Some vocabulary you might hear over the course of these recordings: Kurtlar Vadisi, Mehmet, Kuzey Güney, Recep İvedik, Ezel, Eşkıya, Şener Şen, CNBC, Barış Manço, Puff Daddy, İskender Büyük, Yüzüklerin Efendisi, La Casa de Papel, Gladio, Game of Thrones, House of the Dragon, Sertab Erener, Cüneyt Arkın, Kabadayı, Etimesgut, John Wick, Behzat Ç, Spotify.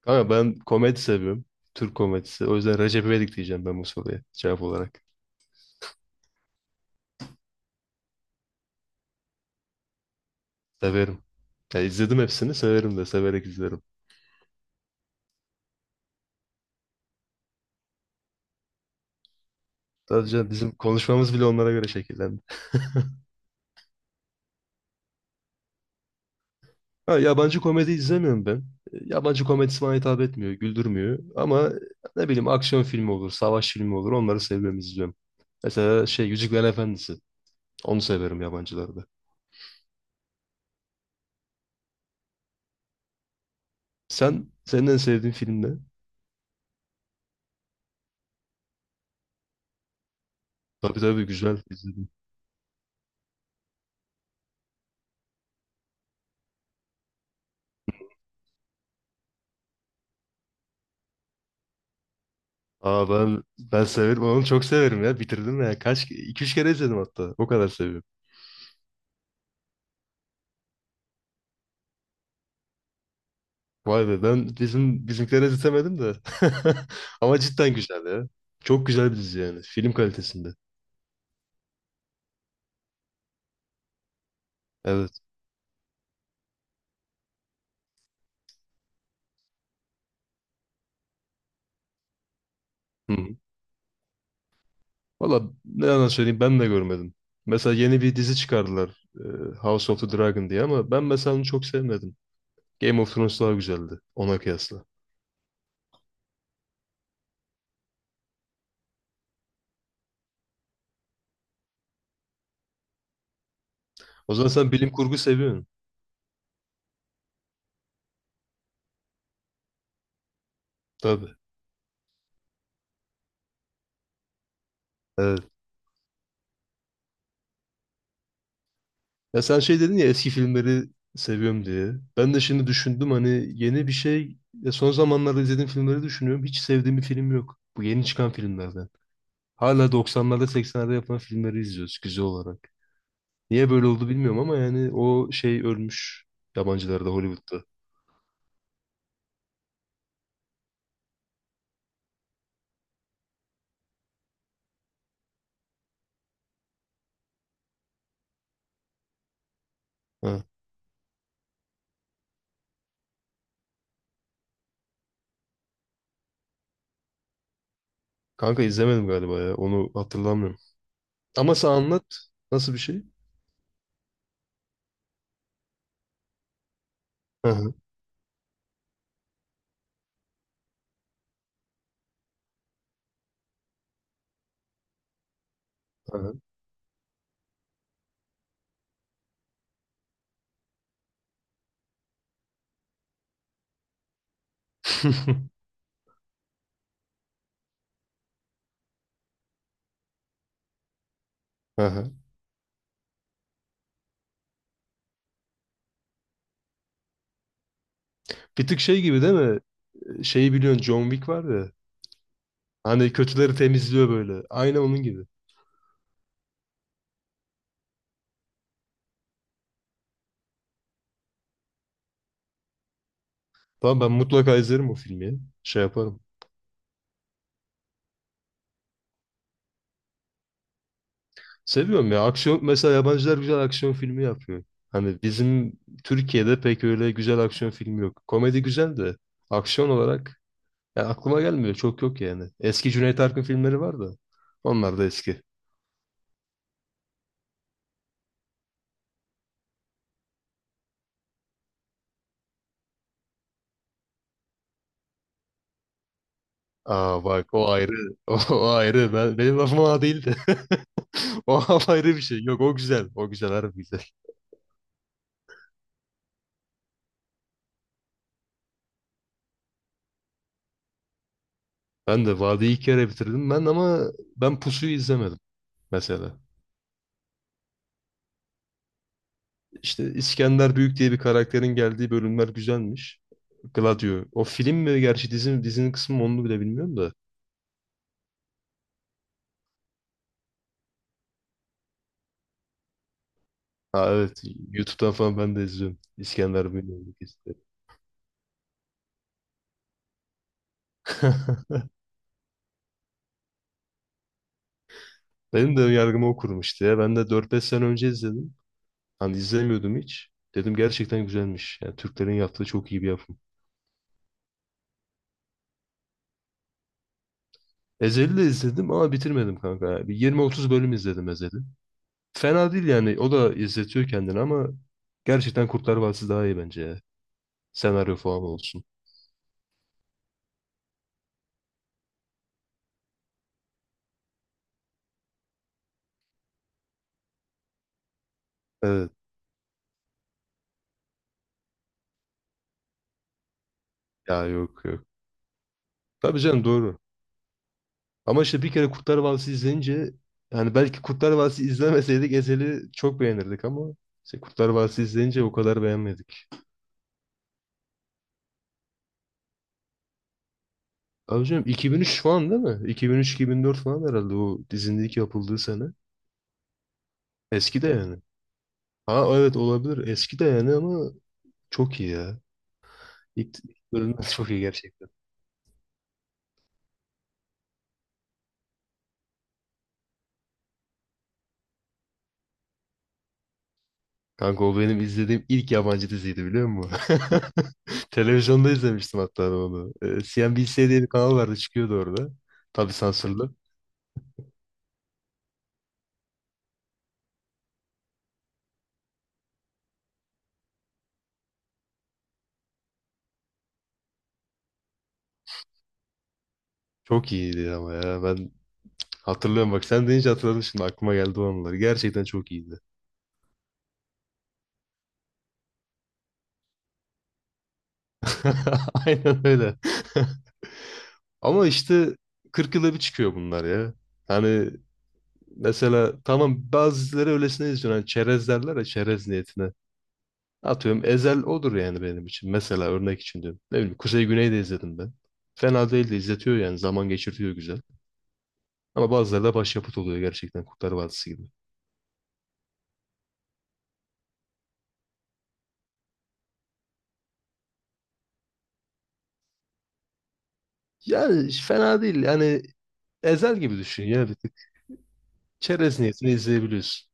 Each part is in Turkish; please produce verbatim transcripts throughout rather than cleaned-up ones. Kanka ben komedi seviyorum. Türk komedisi. O yüzden Recep İvedik diyeceğim ben bu soruya cevap olarak. Severim. Ya izledim hepsini severim de severek izlerim. Sadece bizim konuşmamız bile onlara göre şekillendi. Ha, yabancı komedi izlemiyorum ben. E, Yabancı komedisi bana hitap etmiyor, güldürmüyor. Ama ne bileyim aksiyon filmi olur, savaş filmi olur onları seviyorum, izliyorum. Mesela şey Yüzüklerin Efendisi. Onu severim yabancılarda. Sen, senin en sevdiğin film ne? Tabii tabii güzel. Aa ben ben severim onu çok severim ya bitirdim ya kaç iki üç kere izledim hatta o kadar seviyorum. Vay be ben bizim bizimkilere izletemedim de. Ama cidden güzel ya. Çok güzel bir dizi yani film kalitesinde. Evet. Hı. Valla ne yalan söyleyeyim ben de görmedim. Mesela yeni bir dizi çıkardılar e, House of the Dragon diye ama ben mesela onu çok sevmedim. Game of Thrones daha güzeldi ona kıyasla. O zaman sen bilim kurgu seviyorsun. Tabii. Evet. Ya sen şey dedin ya eski filmleri seviyorum diye. Ben de şimdi düşündüm hani yeni bir şey. Ya son zamanlarda izlediğim filmleri düşünüyorum. Hiç sevdiğim bir film yok. Bu yeni çıkan filmlerden. Hala doksanlarda seksenlerde yapılan filmleri izliyoruz güzel olarak. Niye böyle oldu bilmiyorum ama yani o şey ölmüş yabancılarda Hollywood'da. Ha. Kanka izlemedim galiba ya onu hatırlamıyorum. Ama sen anlat nasıl bir şey? Hı hı. Hı hı. Hı hı. Bir tık şey gibi değil mi? Şeyi biliyorsun John Wick var ya. Hani kötüleri temizliyor böyle. Aynı onun gibi. Tamam ben mutlaka izlerim o filmi ya. Şey yaparım. Seviyorum ya. Aksiyon mesela yabancılar güzel aksiyon filmi yapıyor. Hani bizim Türkiye'de pek öyle güzel aksiyon filmi yok. Komedi güzel de aksiyon olarak ya aklıma gelmiyor. Çok yok yani. Eski Cüneyt Arkın filmleri var da. Onlar da eski. Aa bak o ayrı. O, ayrı. Ben, benim lafım ona değildi. O ayrı bir şey. Yok o güzel. O güzel harbi güzel. Ben de Vadi'yi iki kere bitirdim ben ama ben Pusu'yu izlemedim mesela. İşte İskender Büyük diye bir karakterin geldiği bölümler güzelmiş. Gladio. O film mi gerçi dizi mi? Dizinin kısmı mı onu bile bilmiyorum da. Ha evet YouTube'dan falan ben de izliyorum. İskender Büyük'ü izliyorum. Benim de yargımı o kurmuştu ya. Ben de dört beş sene önce izledim. Hani izlemiyordum hiç. Dedim gerçekten güzelmiş. Yani Türklerin yaptığı çok iyi bir yapım. Ezel'i de izledim ama bitirmedim kanka. Bir yirmi otuz bölüm izledim Ezel'i. Fena değil yani. O da izletiyor kendini ama gerçekten Kurtlar Vadisi daha iyi bence ya. Senaryo falan olsun. Evet. Ya yok yok. Tabii canım doğru. Ama işte bir kere Kurtlar Vadisi izleyince yani belki Kurtlar Vadisi izlemeseydik Ezel'i çok beğenirdik ama işte Kurtlar Vadisi izleyince o kadar beğenmedik. Abi canım iki bin üç falan değil mi? iki bin üç-iki bin dört falan herhalde o dizinin ilk yapıldığı sene. Eski de yani. Ha evet olabilir. Eski de yani ama çok iyi ya. İlk ilk bölümler çok iyi gerçekten. Kanka o benim izlediğim ilk yabancı diziydi biliyor musun? Televizyonda izlemiştim hatta ben onu. Ee, C N B C diye bir kanal vardı çıkıyordu orada. Tabii sansürlü. Çok iyiydi ama ya ben hatırlıyorum bak sen deyince hatırladım şimdi aklıma geldi o anılar. Gerçekten çok iyiydi. Aynen öyle. Ama işte kırk yılda bir çıkıyor bunlar ya. Hani mesela tamam bazı dizileri öylesine izliyorsun. Hani çerez derler ya çerez niyetine. Atıyorum Ezel odur yani benim için. Mesela örnek için diyorum. Ne bileyim Kuzey Güney'i de izledim ben. Fena değil de izletiyor yani. Zaman geçirtiyor güzel. Ama bazıları da başyapıt oluyor gerçekten Kurtlar Vadisi gibi. Yani fena değil. Yani Ezel gibi düşün ya bir tık. Çerez niyetini izleyebiliyorsun.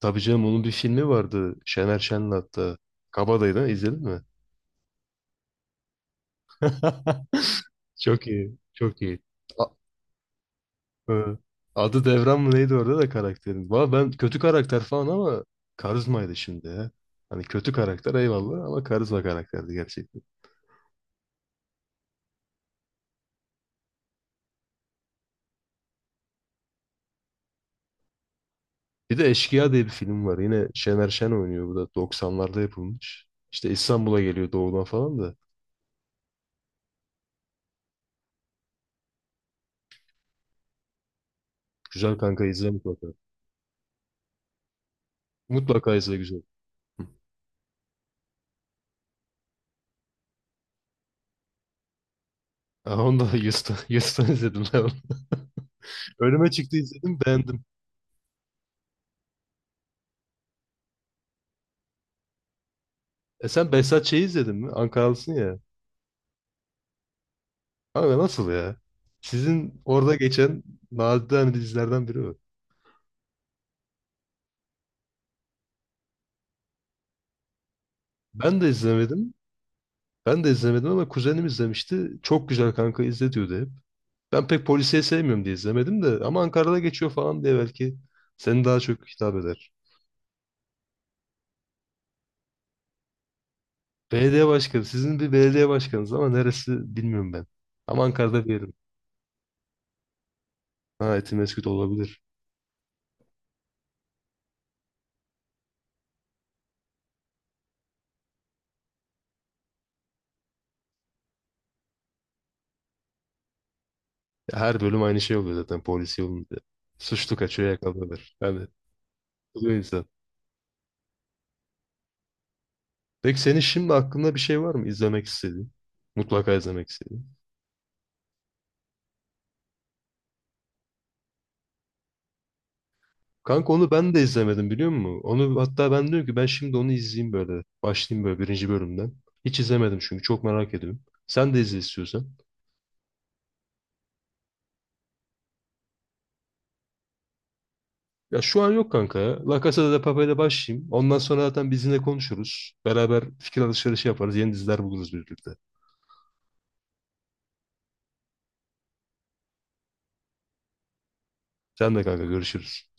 Tabii canım onun bir filmi vardı. Şener Şen'in hatta. Kabadayı'dan izledin mi? Çok iyi. Çok iyi. Hı. Adı Devran mı neydi orada da karakterin? Valla ben kötü karakter falan ama karizmaydı şimdi ya. Hani kötü karakter eyvallah ama karizma karakterdi gerçekten. Bir de Eşkıya diye bir film var. Yine Şener Şen oynuyor. Bu da doksanlarda yapılmış. İşte İstanbul'a geliyor doğudan falan da. Güzel kanka izle mutlaka. Mutlaka izle güzel. Aa, onu da Yus'tan, Yus'tan izledim ben onu. Önüme çıktı izledim beğendim. E sen Behzat Ç'yi izledin mi? Ankaralısın ya. Abi nasıl ya? Sizin orada geçen nadide hani dizilerden biri o. Ben de izlemedim. Ben de izlemedim ama kuzenim izlemişti. Çok güzel kanka izle diyordu hep. Ben pek polisiye sevmiyorum diye izlemedim de ama Ankara'da geçiyor falan diye belki seni daha çok hitap eder. Belediye başkanı. Sizin bir belediye başkanınız ama neresi bilmiyorum ben. Ama Ankara'da bir yerim. Ha Etimesgut olabilir. Her bölüm aynı şey oluyor zaten polisiye olunca. Suçlu kaçıyor yakalıyorlar. Yani oluyor insan. Peki senin şimdi aklında bir şey var mı izlemek istediğin? Mutlaka izlemek istediğin. Kanka onu ben de izlemedim biliyor musun? Onu hatta ben diyorum ki ben şimdi onu izleyeyim böyle. Başlayayım böyle birinci bölümden. Hiç izlemedim çünkü çok merak ediyorum. Sen de izle istiyorsan. Ya şu an yok kanka ya. La Casa de Papel'e başlayayım. Ondan sonra zaten bizimle konuşuruz. Beraber fikir alışverişi yaparız. Yeni diziler buluruz birlikte. Sen de kanka görüşürüz.